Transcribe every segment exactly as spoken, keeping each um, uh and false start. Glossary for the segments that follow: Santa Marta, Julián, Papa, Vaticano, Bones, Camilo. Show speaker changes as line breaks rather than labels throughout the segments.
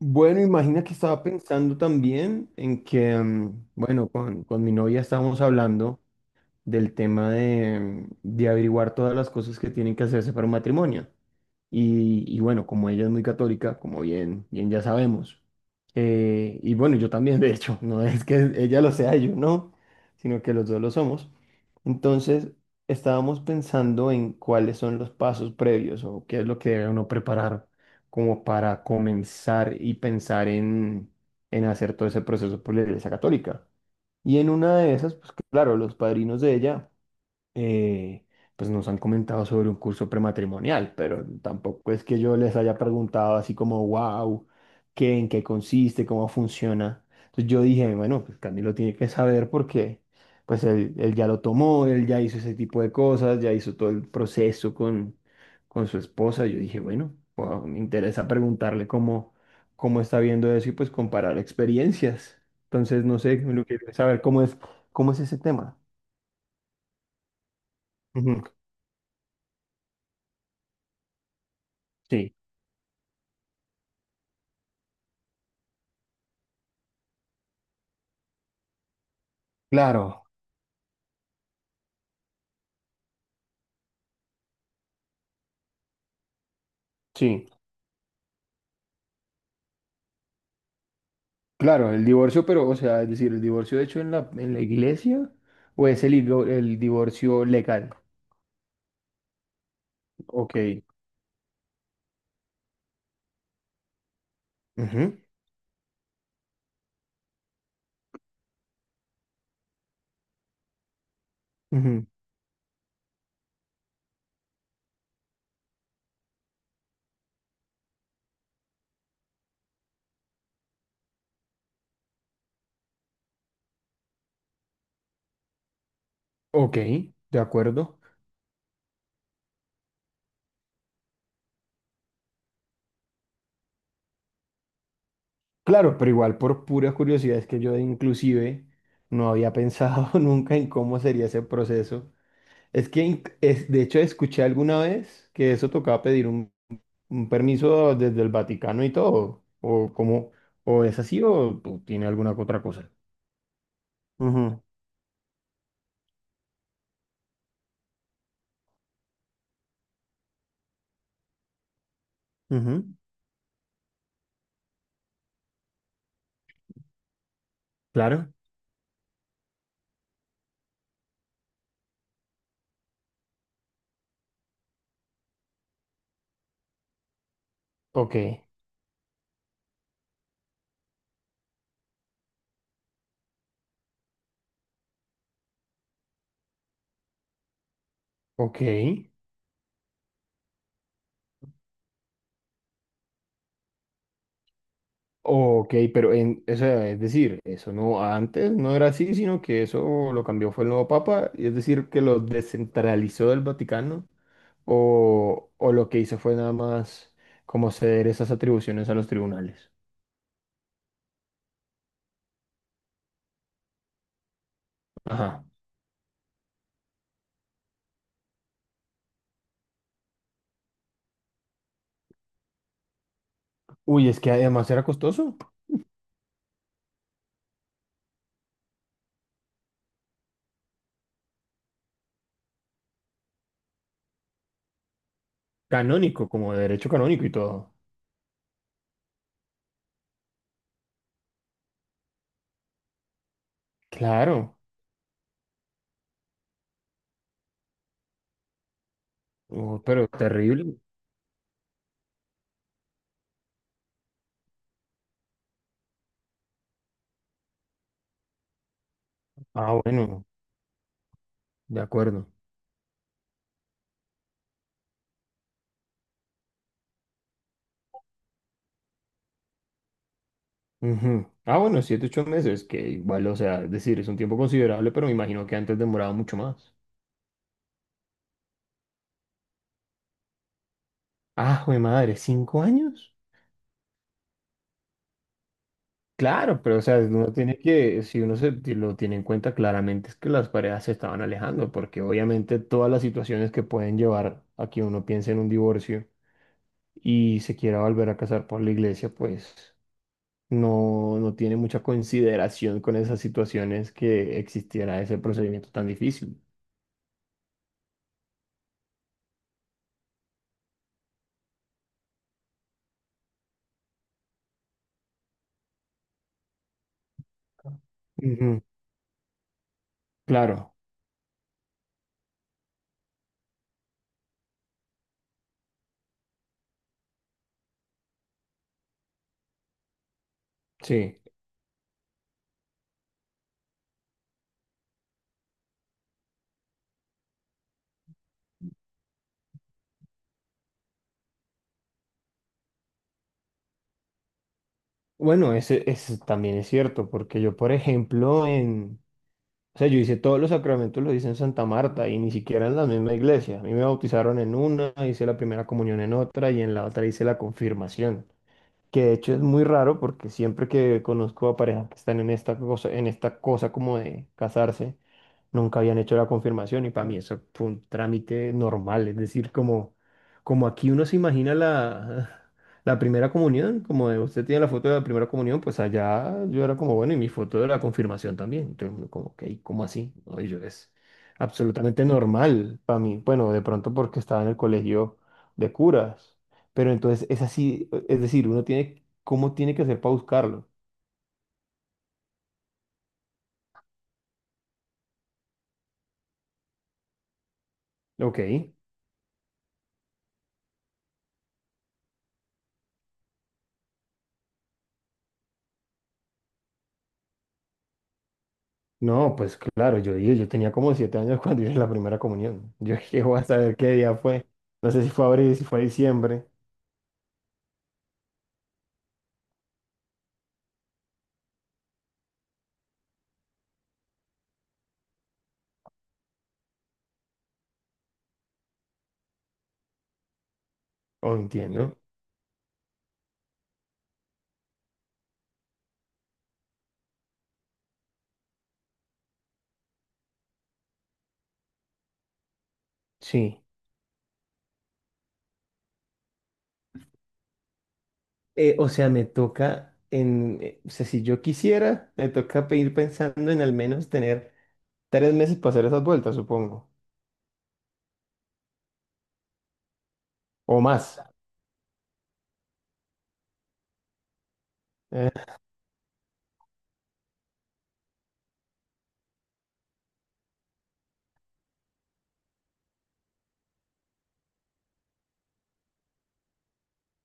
Bueno, imagina que estaba pensando también en que, mm, bueno, con, con mi novia estábamos hablando del tema de, de averiguar todas las cosas que tienen que hacerse para un matrimonio. Y, y bueno, como ella es muy católica, como bien, bien ya sabemos, eh, y bueno, yo también, de hecho, no es que ella lo sea, yo no, sino que los dos lo somos. Entonces, estábamos pensando en cuáles son los pasos previos o qué es lo que debe uno preparar como para comenzar y pensar en, en hacer todo ese proceso por la Iglesia Católica. Y en una de esas, pues claro, los padrinos de ella eh, pues nos han comentado sobre un curso prematrimonial, pero tampoco es que yo les haya preguntado así como, wow, ¿qué, en qué consiste, cómo funciona? Entonces yo dije, bueno, pues Camilo tiene que saber porque pues él, él ya lo tomó, él ya hizo ese tipo de cosas, ya hizo todo el proceso con, con su esposa. Yo dije, bueno, wow, me interesa preguntarle cómo, cómo está viendo eso y pues comparar experiencias. Entonces, no sé, lo que saber cómo es, cómo es ese tema. Ujú. Sí. Claro, sí, claro, el divorcio, pero, o sea, es decir, el divorcio hecho en la, en la iglesia o es el, divo- el divorcio legal. Ok, ujú, ujú. Ok, de acuerdo. Claro, pero igual por pura curiosidad es que yo inclusive no había pensado nunca en cómo sería ese proceso. Es que, inc- es, de hecho, escuché alguna vez que eso tocaba pedir un, un permiso desde el Vaticano y todo, o como, o es así o, o tiene alguna otra cosa. Ujú, ujú. Claro. Ok. Ok, ok, pero en, o sea, es decir, eso no, antes no era así, sino que eso lo cambió fue el nuevo Papa, y es decir, que lo descentralizó del Vaticano, o, o lo que hizo fue nada más como ceder esas atribuciones a los tribunales. Ajá. Uy, es que además era costoso. Canónico, como de derecho canónico y todo. Claro. Oh, pero terrible. Ah, bueno, de acuerdo. Ujú. Ah, bueno, siete, ocho meses, que igual, o sea, es decir, es un tiempo considerable, pero me imagino que antes demoraba mucho más. Ah, jue madre, ¿cinco años? Claro, pero o sea, uno tiene que, si uno se ti- lo tiene en cuenta claramente, es que las parejas se estaban alejando, porque obviamente todas las situaciones que pueden llevar a que uno piense en un divorcio y se quiera volver a casar por la iglesia, pues no, no tiene mucha consideración con esas situaciones que existiera ese procedimiento tan difícil. Ujú. Claro. Sí, bueno, ese, ese también es cierto, porque yo, por ejemplo, en, o sea, yo hice todos los sacramentos, lo hice en Santa Marta y ni siquiera en la misma iglesia. A mí me bautizaron en una, hice la primera comunión en otra y en la otra hice la confirmación. Que de hecho es muy raro porque siempre que conozco a parejas que están en esta cosa, en esta cosa como de casarse, nunca habían hecho la confirmación y para mí eso fue un trámite normal, es decir, como, como aquí uno se imagina la, la primera comunión, como de usted tiene la foto de la primera comunión, pues allá yo era como, bueno, y mi foto de la confirmación también, entonces uno como, ok, ¿cómo así? No y yo es absolutamente normal para mí, bueno, de pronto porque estaba en el colegio de curas. Pero entonces es así, es decir, uno tiene, ¿cómo tiene que hacer para buscarlo? Ok. No, pues claro, yo dije, yo tenía como siete años cuando hice la primera comunión. Yo dije, voy a saber qué día fue. No sé si fue abril, si fue diciembre. O entiendo. Sí. Eh, o sea, me toca en, eh, o sea, si yo quisiera, me toca pe- ir pensando en al menos tener tres meses para hacer esas vueltas, supongo. O más. Eh,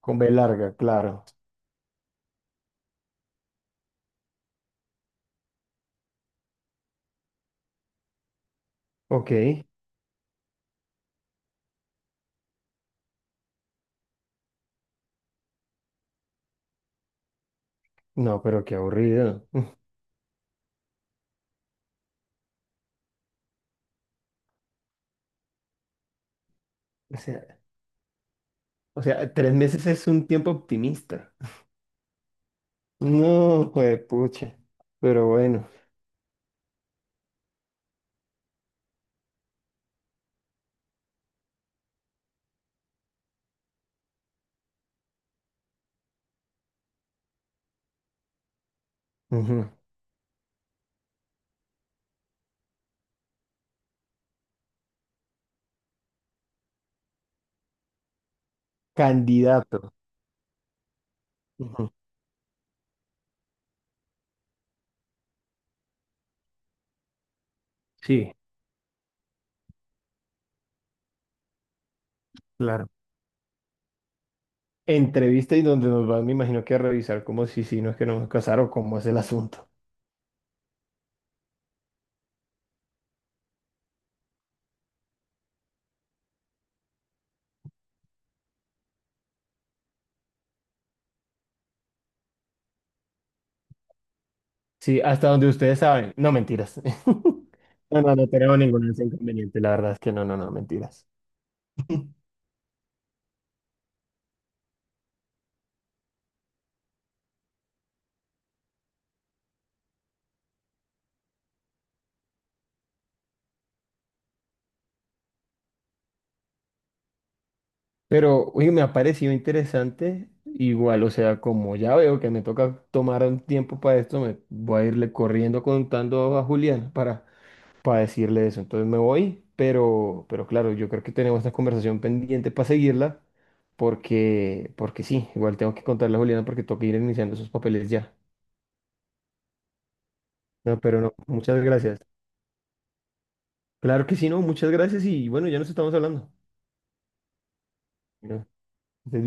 con B larga, claro. Ok. No, pero qué aburrido. O sea, O sea, tres meses es un tiempo optimista. No, pucha. Pero bueno. Ujú. Candidato. Ujú. Sí, claro. Entrevista y donde nos van, me imagino que a revisar como si si no es que nos vamos a casar o cómo es el asunto. Sí, hasta donde ustedes saben. No, mentiras. No, no, no tenemos ningún inconveniente. La verdad es que no, no, no, mentiras. Pero, oye, me ha parecido interesante. Igual, o sea, como ya veo que me toca tomar un tiempo para esto, me voy a irle corriendo contando a Julián para, para decirle eso. Entonces me voy, pero, pero claro, yo creo que tenemos esta conversación pendiente para seguirla, porque, porque sí, igual tengo que contarle a Julián porque toca ir iniciando esos papeles ya. No, pero no, muchas gracias. Claro que sí, no, muchas gracias y bueno, ya nos estamos hablando. Bueno, estés